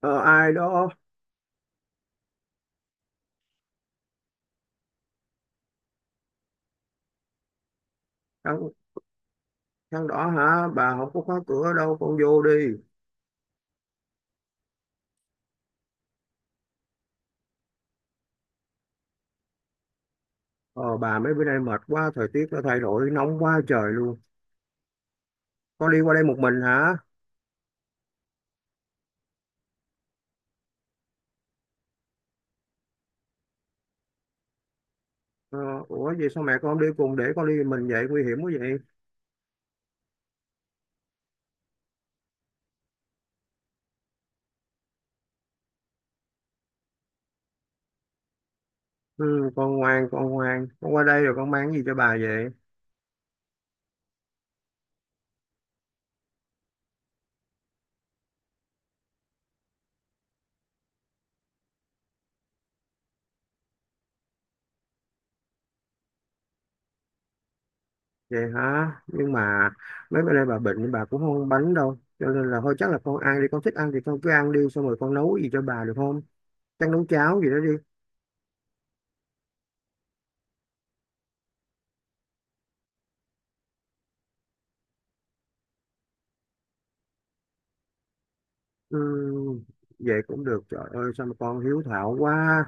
Ờ, ai đó? Thằng thằng đó hả? Bà không có khóa cửa đâu, con vô đi. Ờ, bà mấy bữa nay mệt quá, thời tiết nó thay đổi nóng quá trời luôn. Con đi qua đây một mình hả? Ờ, ủa vậy sao mẹ con không đi cùng để con đi một mình vậy, nguy hiểm quá vậy. Ừ, con ngoan con ngoan, con qua đây rồi con mang cái gì cho bà vậy? Vậy hả, nhưng mà mấy bữa nay bà bệnh, bà cũng không ăn bánh đâu, cho nên là thôi chắc là con ăn đi, con thích ăn thì con cứ ăn đi, xong rồi con nấu gì cho bà được không? Chắc nấu cháo gì đó đi. Ừ, vậy cũng được, trời ơi sao mà con hiếu thảo quá.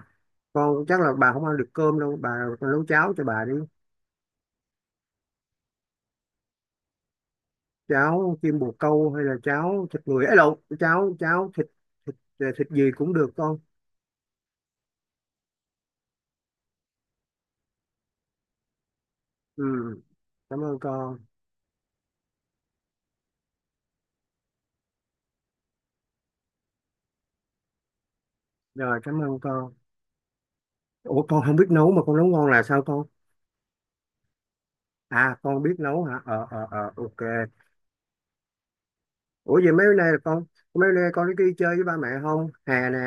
Con chắc là bà không ăn được cơm đâu bà, con nấu cháo cho bà đi. Cháo kim bồ câu hay là cháo thịt người ấy, lộn, cháo cháo thịt thịt, thịt gì cũng được con. Ừ, cảm ơn con. Rồi cảm ơn con. Ủa con không biết nấu mà con nấu ngon là sao con? À con biết nấu hả? Ờ ờ ờ ok. Ủa vậy mấy bữa nay là con, mấy bữa nay con có đi chơi với ba mẹ không hè nè?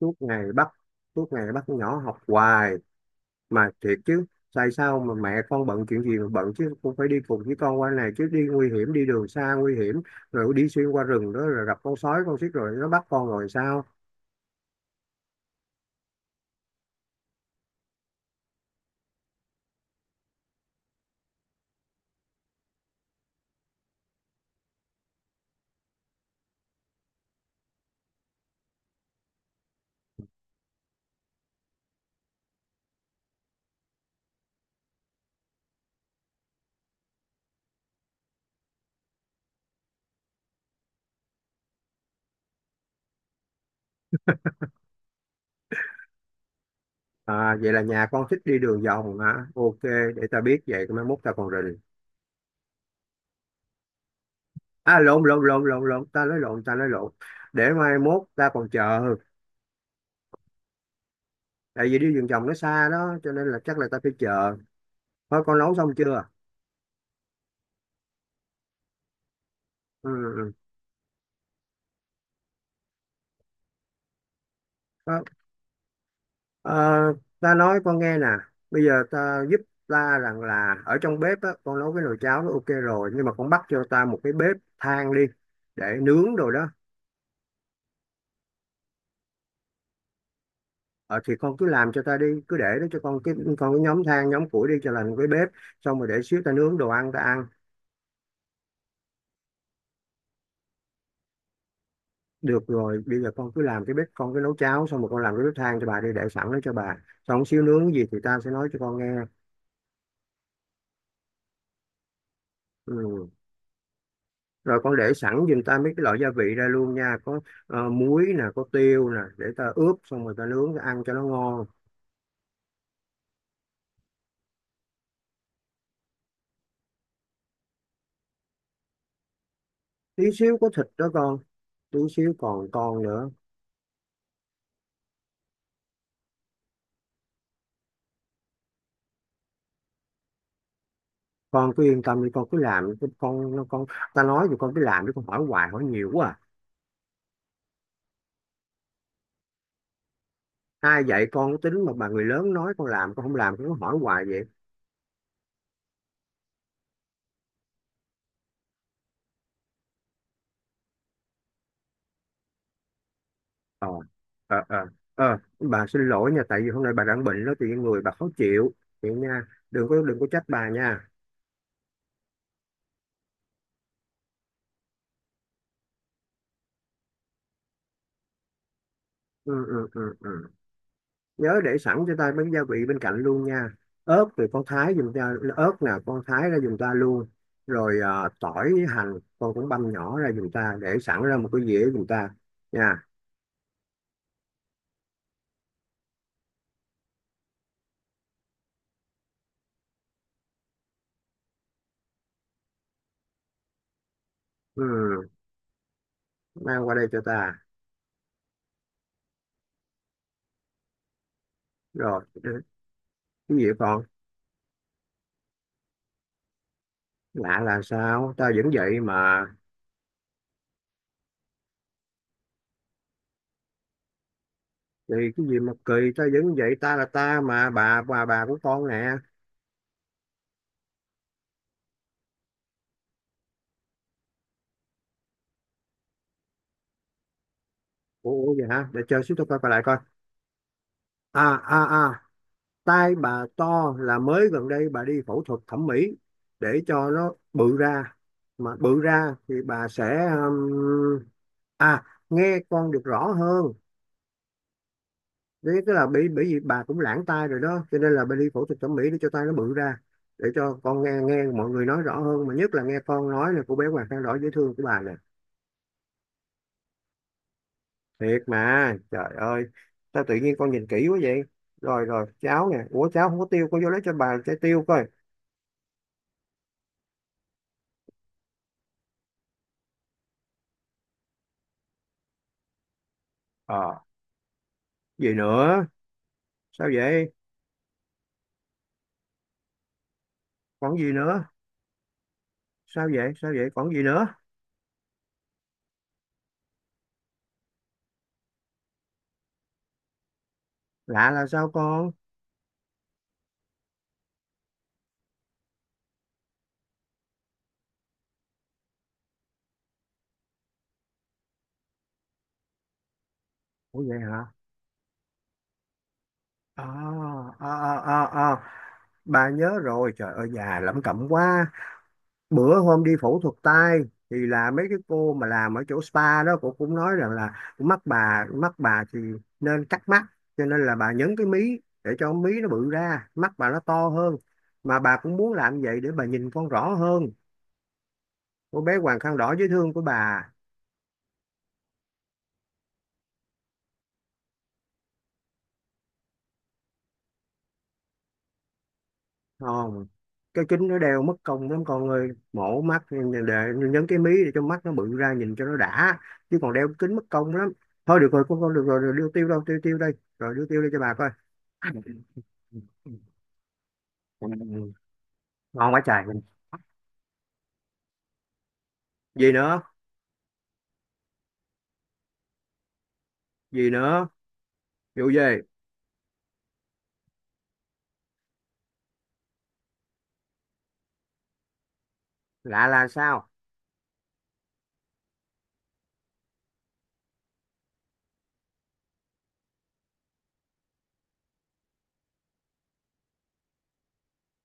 suốt ngày bắt Suốt ngày bắt con nhỏ học hoài. Mà thiệt chứ, tại sao mà mẹ con bận chuyện gì mà bận chứ, cũng phải đi cùng với con qua này chứ, đi nguy hiểm, đi đường xa nguy hiểm, rồi đi xuyên qua rừng đó rồi gặp con sói con xích rồi nó bắt con rồi sao? À, vậy là nhà con thích đi đường vòng hả? Ok, để ta biết vậy mai mốt ta còn rình. À lộn lộn lộn lộn lộn, ta nói lộn, ta nói lộn, để mai mốt ta còn chờ. Tại vì đi đường vòng nó xa đó, cho nên là chắc là ta phải chờ. Thôi con nấu xong chưa? Ừ, ừ. Ờ, ta nói con nghe nè, bây giờ ta giúp, ta rằng là ở trong bếp á, con nấu cái nồi cháo nó ok rồi nhưng mà con bắt cho ta một cái bếp than đi để nướng rồi đó. Ờ, thì con cứ làm cho ta đi, cứ để đó cho con cái nhóm than nhóm củi đi cho làm cái bếp, xong rồi để xíu ta nướng đồ ăn ta ăn. Được rồi, bây giờ con cứ làm cái bếp, con cứ nấu cháo xong rồi con làm cái bếp than cho bà đi để sẵn đó cho bà, xong xíu nướng gì thì ta sẽ nói cho con nghe. Ừ. Rồi con để sẵn giùm ta mấy cái loại gia vị ra luôn nha, có muối nè, có tiêu nè, để ta ướp xong rồi ta nướng ta ăn cho nó ngon. Tí xíu có thịt đó con, tí xíu còn con nữa. Con cứ yên tâm đi, con cứ làm đi, con nó con, ta nói thì con cứ làm chứ con hỏi hoài hỏi nhiều quá à. Ai dạy con cái tính mà bà người lớn nói con làm con không làm con cứ hỏi hoài vậy? Ờ ờ ờ ờ, bà xin lỗi nha, tại vì hôm nay bà đang bệnh đó thì người bà khó chịu vậy nha, đừng có trách bà nha. Ừ ừ ừ ừ, nhớ để sẵn cho ta bánh gia vị bên cạnh luôn nha. Ớt thì con thái giùm ta, ớt nào con thái ra giùm ta luôn. Rồi à, tỏi hành con cũng băm nhỏ ra giùm ta để sẵn ra một cái dĩa giùm ta nha. Ừ, mang qua đây cho ta. Rồi ừ, cái gì còn? Lạ là sao? Ta vẫn vậy mà. Thì cái gì mà kỳ, ta vẫn vậy, ta là ta mà, bà bà của con nè. Ủa ủa vậy hả, để chơi xíu tôi coi coi lại coi. À à à, tai bà to là mới gần đây bà đi phẫu thuật thẩm mỹ để cho nó bự ra. Mà bự ra thì bà sẽ um, à nghe con được rõ hơn. Đấy, tức là bị bởi vì bà cũng lãng tai rồi đó cho nên là bà đi phẫu thuật thẩm mỹ để cho tai nó bự ra, để cho con nghe nghe mọi người nói rõ hơn, mà nhất là nghe con nói, là cô bé Hoàng Khang Đỏ dễ thương của bà nè. Thiệt mà trời ơi, sao tự nhiên con nhìn kỹ quá vậy. Rồi rồi cháo nè, ủa cháo không có tiêu, con vô lấy cho bà trái tiêu coi. Ờ, gì nữa? Sao vậy? Còn gì nữa? Sao vậy, sao vậy, còn gì nữa? Lạ là sao con? Ủa vậy hả. À, à, à, à, à, bà nhớ rồi, trời ơi già lẩm cẩm quá. Bữa hôm đi phẫu thuật tai thì là mấy cái cô mà làm ở chỗ spa đó, cô cũng nói rằng là mắt bà, thì nên cắt mắt, cho nên là bà nhấn cái mí để cho mí nó bự ra mắt bà nó to hơn. Mà bà cũng muốn làm vậy để bà nhìn con rõ hơn, cô bé Hoàng Khăn Đỏ dễ thương của bà. Không, cái kính nó đeo mất công lắm con ơi, mổ mắt để nhấn cái mí để cho mắt nó bự ra nhìn cho nó đã, chứ còn đeo kính mất công lắm. Thôi được rồi con, được rồi, rồi đưa tiêu đâu? Tiêu tiêu đây, rồi đưa tiêu đi cho bà coi. Ngon quá trời. Gì nữa? Gì nữa? Vụ gì? Lạ là sao?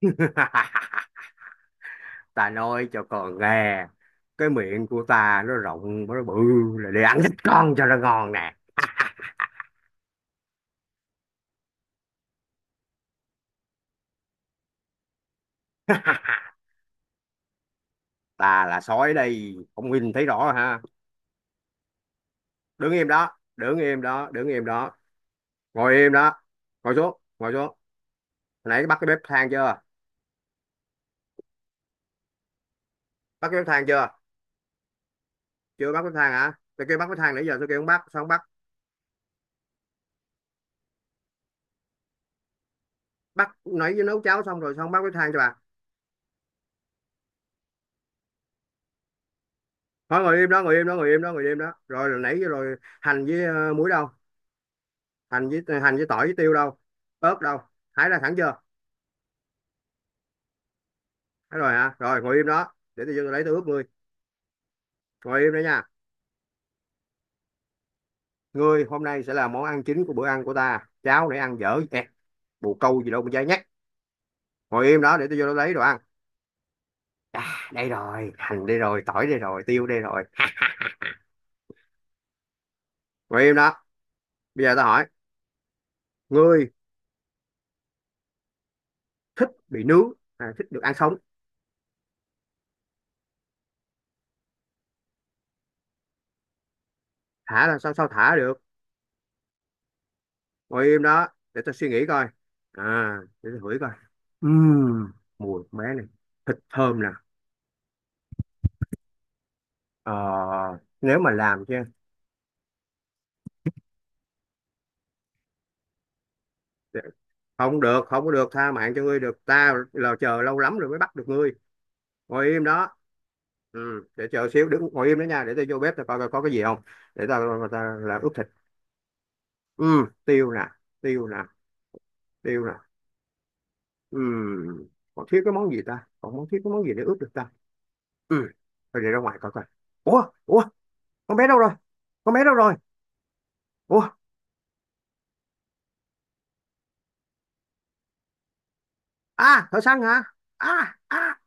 Ta nói cho con nghe, cái miệng của ta nó rộng nó bự là để ăn thịt con cho nó ngon nè. Ta là sói đây, không nhìn thấy rõ ha? Đứng im đó, đứng im đó, đứng im đó, ngồi im đó, ngồi xuống ngồi xuống, hồi nãy bắt cái bếp than chưa? Bắt cái bếp than chưa? Chưa bắt bếp than hả? Tôi kêu bắt bếp than nãy giờ tôi kêu không bắt, sao không bắt? Bắt nãy với nấu cháo xong rồi sao không bắt bếp than cho bà? Thôi ngồi im đó, ngồi im đó, ngồi im đó, ngồi im đó, rồi rồi nãy rồi. Hành với muối đâu? Hành với hành với tỏi với tiêu đâu? Ớt đâu? Hái ra sẵn chưa? Hái rồi hả? Rồi ngồi im đó để tôi lấy tôi ướp ngươi. Ngồi im đó nha. Ngươi hôm nay sẽ là món ăn chính của bữa ăn của ta, cháo nãy ăn dở ẹt, bồ câu gì đâu mà dai nhắc. Ngồi im đó để tôi vô đó lấy đồ ăn. À, đây rồi, hành đây rồi, tỏi đây rồi, tiêu đây rồi. Ngồi im đó. Bây giờ tao hỏi ngươi, thích bị nướng hay thích được ăn sống? Thả là sao? Sao thả được? Ngồi im đó để tao suy nghĩ coi. À để tao hửi coi. Ừm, mùi con bé này thịt thơm nè. Ờ, nếu mà làm chứ, không được, không có được, tha mạng cho ngươi được, ta là chờ lâu lắm rồi mới bắt được ngươi. Ngồi im đó. Ừ, để chờ xíu, đứng ngồi im đó nha, để tao vô bếp tao coi coi có cái gì không. Để tao, tao là ướp. Ừ, tiêu nè, tiêu nè, tiêu nè. Ừ, còn thiếu cái món gì, ta còn món thiếu cái món gì để ướp được ta. Ừ, thôi để ra ngoài coi coi. Ủa ủa, con bé đâu rồi? Con bé đâu rồi? Ủa, à thợ săn hả? À à.